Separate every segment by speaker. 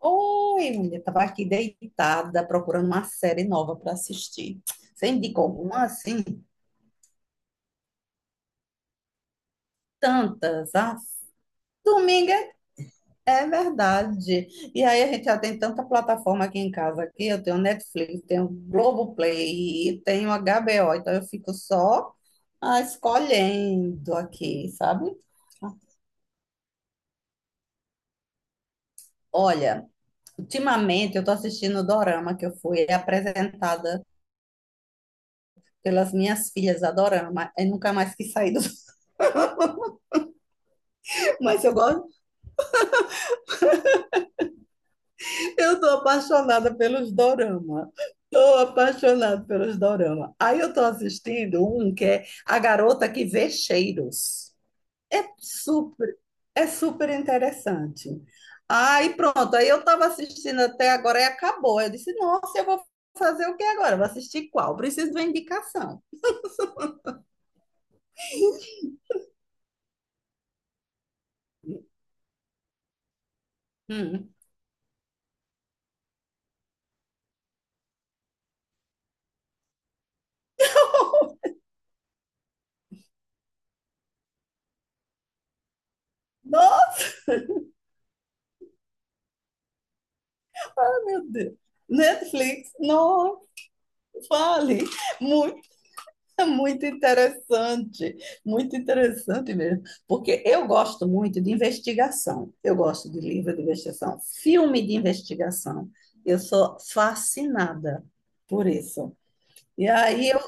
Speaker 1: Oi, mulher, tava aqui deitada procurando uma série nova para assistir. Você indica alguma assim? Tantas. Domingo é é verdade. E aí a gente já tem tanta plataforma aqui em casa aqui. Eu tenho Netflix, tenho Globoplay e tenho HBO. Então eu fico só escolhendo aqui, sabe? Olha, ultimamente eu tô assistindo o Dorama que eu fui apresentada pelas minhas filhas a Dorama. Eu nunca mais quis sair do mas eu gosto. Eu tô apaixonada pelos dorama. Tô apaixonada pelos dorama. Aí eu tô assistindo um que é A Garota que Vê Cheiros. É super, é super interessante. Aí pronto, aí eu tava assistindo até agora e acabou. Eu disse, nossa, eu vou fazer o que agora? Vou assistir qual? Preciso de uma indicação. Hum. Nossa, meu Deus. Netflix, não, fale. Muito. Muito interessante, muito interessante mesmo, porque eu gosto muito de investigação, eu gosto de livro de investigação, filme de investigação, eu sou fascinada por isso. E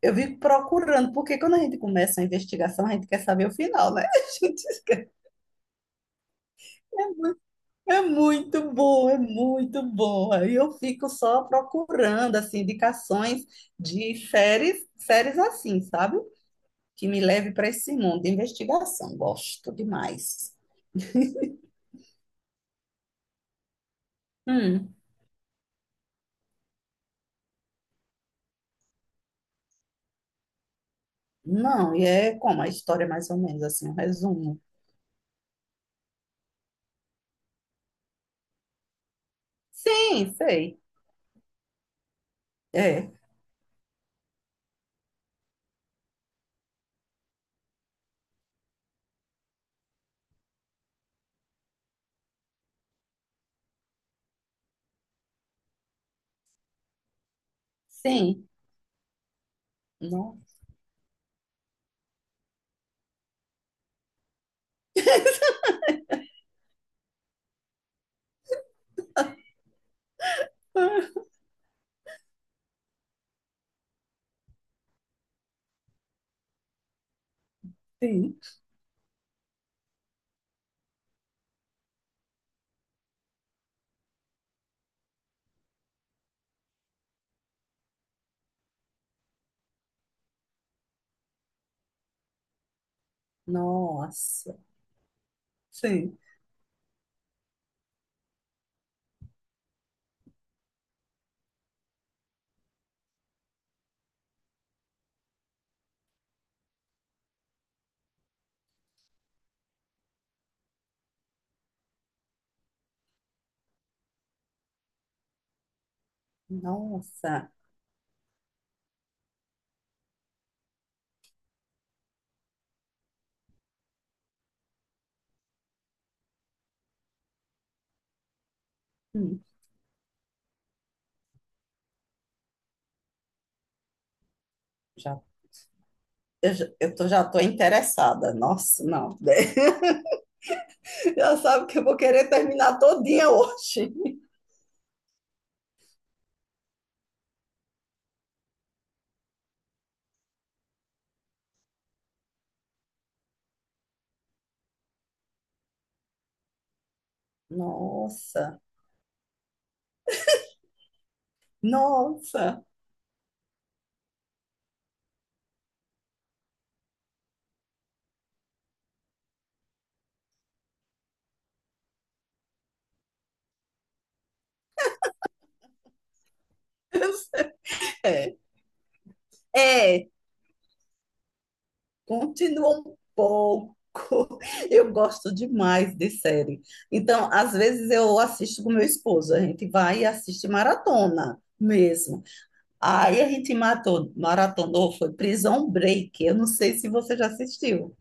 Speaker 1: eu vivo procurando, porque quando a gente começa a investigação, a gente quer saber o final, né? A gente é muito bom, é muito bom. Aí eu fico só procurando, assim, indicações de séries, séries assim, sabe? Que me leve para esse mundo de investigação. Gosto demais. Hum, não, e é como a história, é mais ou menos assim, um resumo. Sim, sei. É, sim. Nossa, sim. Nossa, sim. Nossa. Hum, já, já tô interessada. Nossa, não. Já sabe que eu vou querer terminar todinha hoje. Nossa, nossa. É, é. Continua um pouco. Eu gosto demais de série. Então, às vezes eu assisto com meu esposo, a gente vai e assiste maratona mesmo. Aí a gente matou, maratonou, foi Prison Break. Eu não sei se você já assistiu.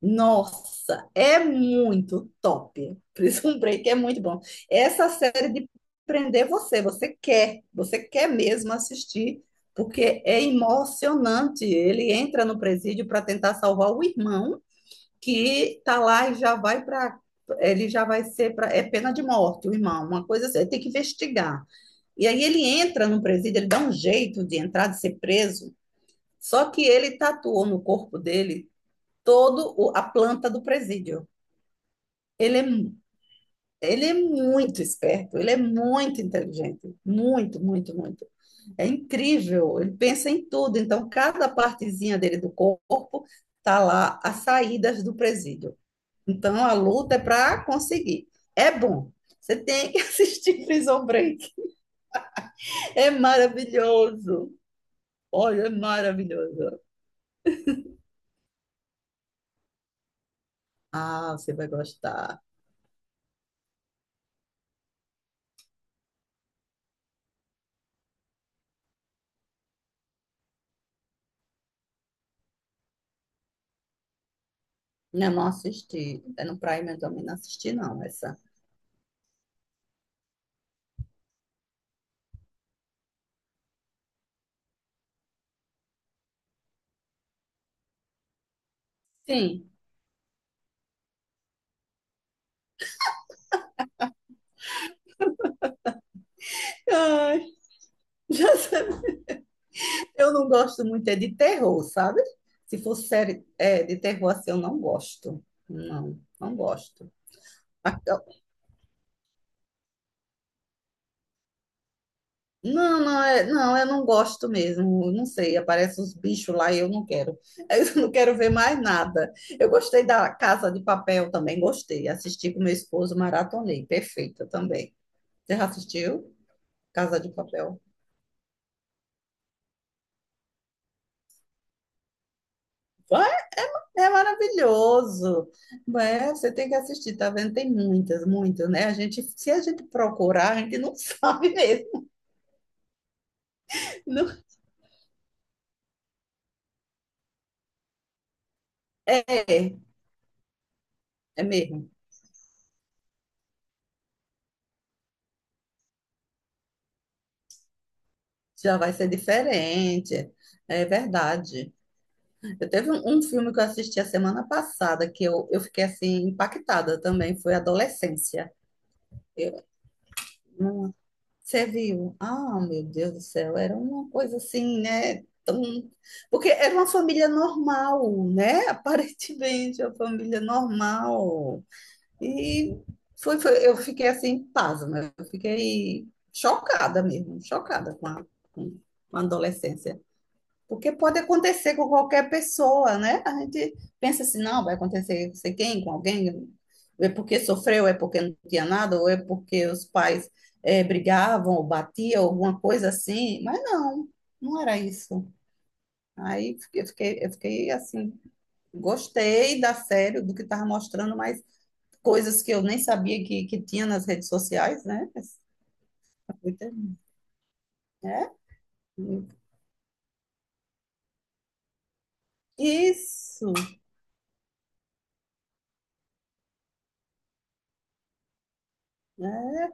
Speaker 1: Nossa, é muito top. Prison Break é muito bom. Essa série de prender você, você quer mesmo assistir, porque é emocionante. Ele entra no presídio para tentar salvar o irmão que tá lá e já vai para ele já vai ser para é pena de morte, o irmão, uma coisa assim, ele tem que investigar. E aí ele entra no presídio, ele dá um jeito de entrar, de ser preso, só que ele tatuou no corpo dele a planta do presídio. Ele é, mu- ele é muito esperto, ele é muito inteligente, muito, muito, muito. É incrível, ele pensa em tudo. Então, cada partezinha dele do corpo tá lá, as saídas do presídio. Então, a luta é para conseguir. É bom. Você tem que assistir Prison Break. É maravilhoso. Olha, é maravilhoso. Ah, você vai gostar. Não, não assisti. É no Prime, eu também não assisti, não, essa. Sim. Ai. Eu não gosto muito é de terror, sabe? Se fosse série é, de terror assim, eu não gosto. Não, não gosto. A- Não, não, é, não, eu não gosto mesmo. Eu não sei, aparecem os bichos lá e eu não quero. Eu não quero ver mais nada. Eu gostei da Casa de Papel também, gostei. Assisti com meu esposo, maratonei. Perfeita também. Você já assistiu Casa de Papel? É maravilhoso, né? Você tem que assistir, tá vendo? Tem muitas, muitas, né? A gente, se a gente procurar, a gente não sabe mesmo. Não- é, é mesmo. Já vai ser diferente. É verdade. Eu teve um, um filme que eu assisti a semana passada que eu fiquei assim impactada também, foi Adolescência. Eu, você viu? Ah, meu Deus do céu, era uma coisa assim, né? Tão... Porque era uma família normal, né? Aparentemente, uma família normal. E eu fiquei assim, pasma, eu fiquei chocada mesmo, chocada com com a adolescência. Porque pode acontecer com qualquer pessoa, né? A gente pensa assim, não, vai acontecer com sei quem, com alguém, é porque sofreu, é porque não tinha nada, ou é porque os pais brigavam, ou batiam, alguma coisa assim. Mas não, não era isso. Aí eu fiquei assim, gostei da série, do que estava mostrando, mas coisas que eu nem sabia que tinha nas redes sociais, né? Essa coisa, né? Isso, né?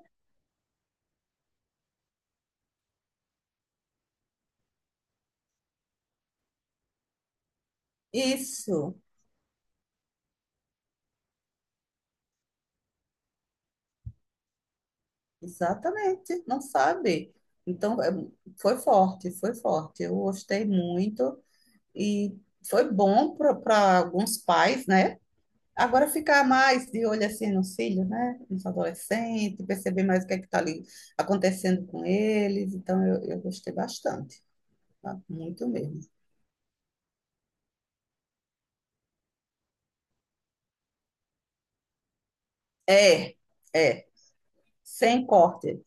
Speaker 1: Isso. Exatamente, não sabe. Então, é, foi forte, foi forte. Eu gostei muito e foi bom para alguns pais, né? Agora ficar mais de olho assim nos filhos, né? Nos adolescentes, perceber mais o que é que está ali acontecendo com eles. Então, eu gostei bastante, tá? Muito mesmo. É, é, sem corte.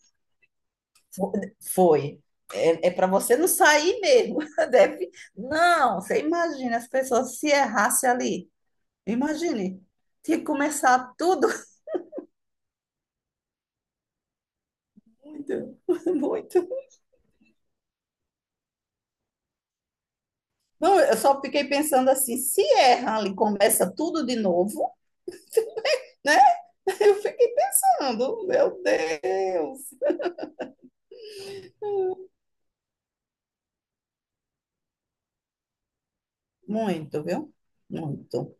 Speaker 1: Fo- Foi. É, é para você não sair mesmo. Deve, não, você imagina as pessoas se errasse ali. Imagine, tinha que começar tudo. Muito, muito. Não, eu só fiquei pensando assim, se erra ali, começa tudo de novo, né? Eu fiquei pensando, meu Deus. Muito, viu? Muito.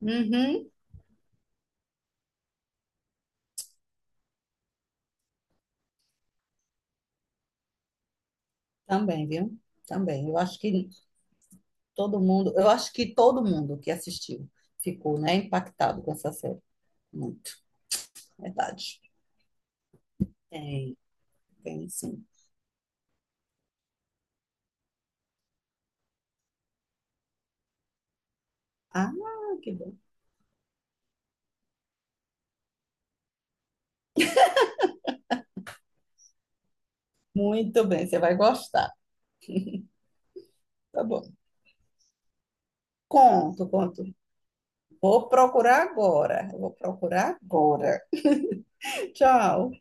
Speaker 1: Uhum. Também, viu? Também. Eu acho que todo mundo, eu acho que todo mundo que assistiu ficou, né, impactado com essa série. Muito, verdade. Tem, tem sim. Ah, que bom. Muito bem, você vai gostar. Tá bom. Conto, conto. Vou procurar agora. Vou procurar agora. Tchau.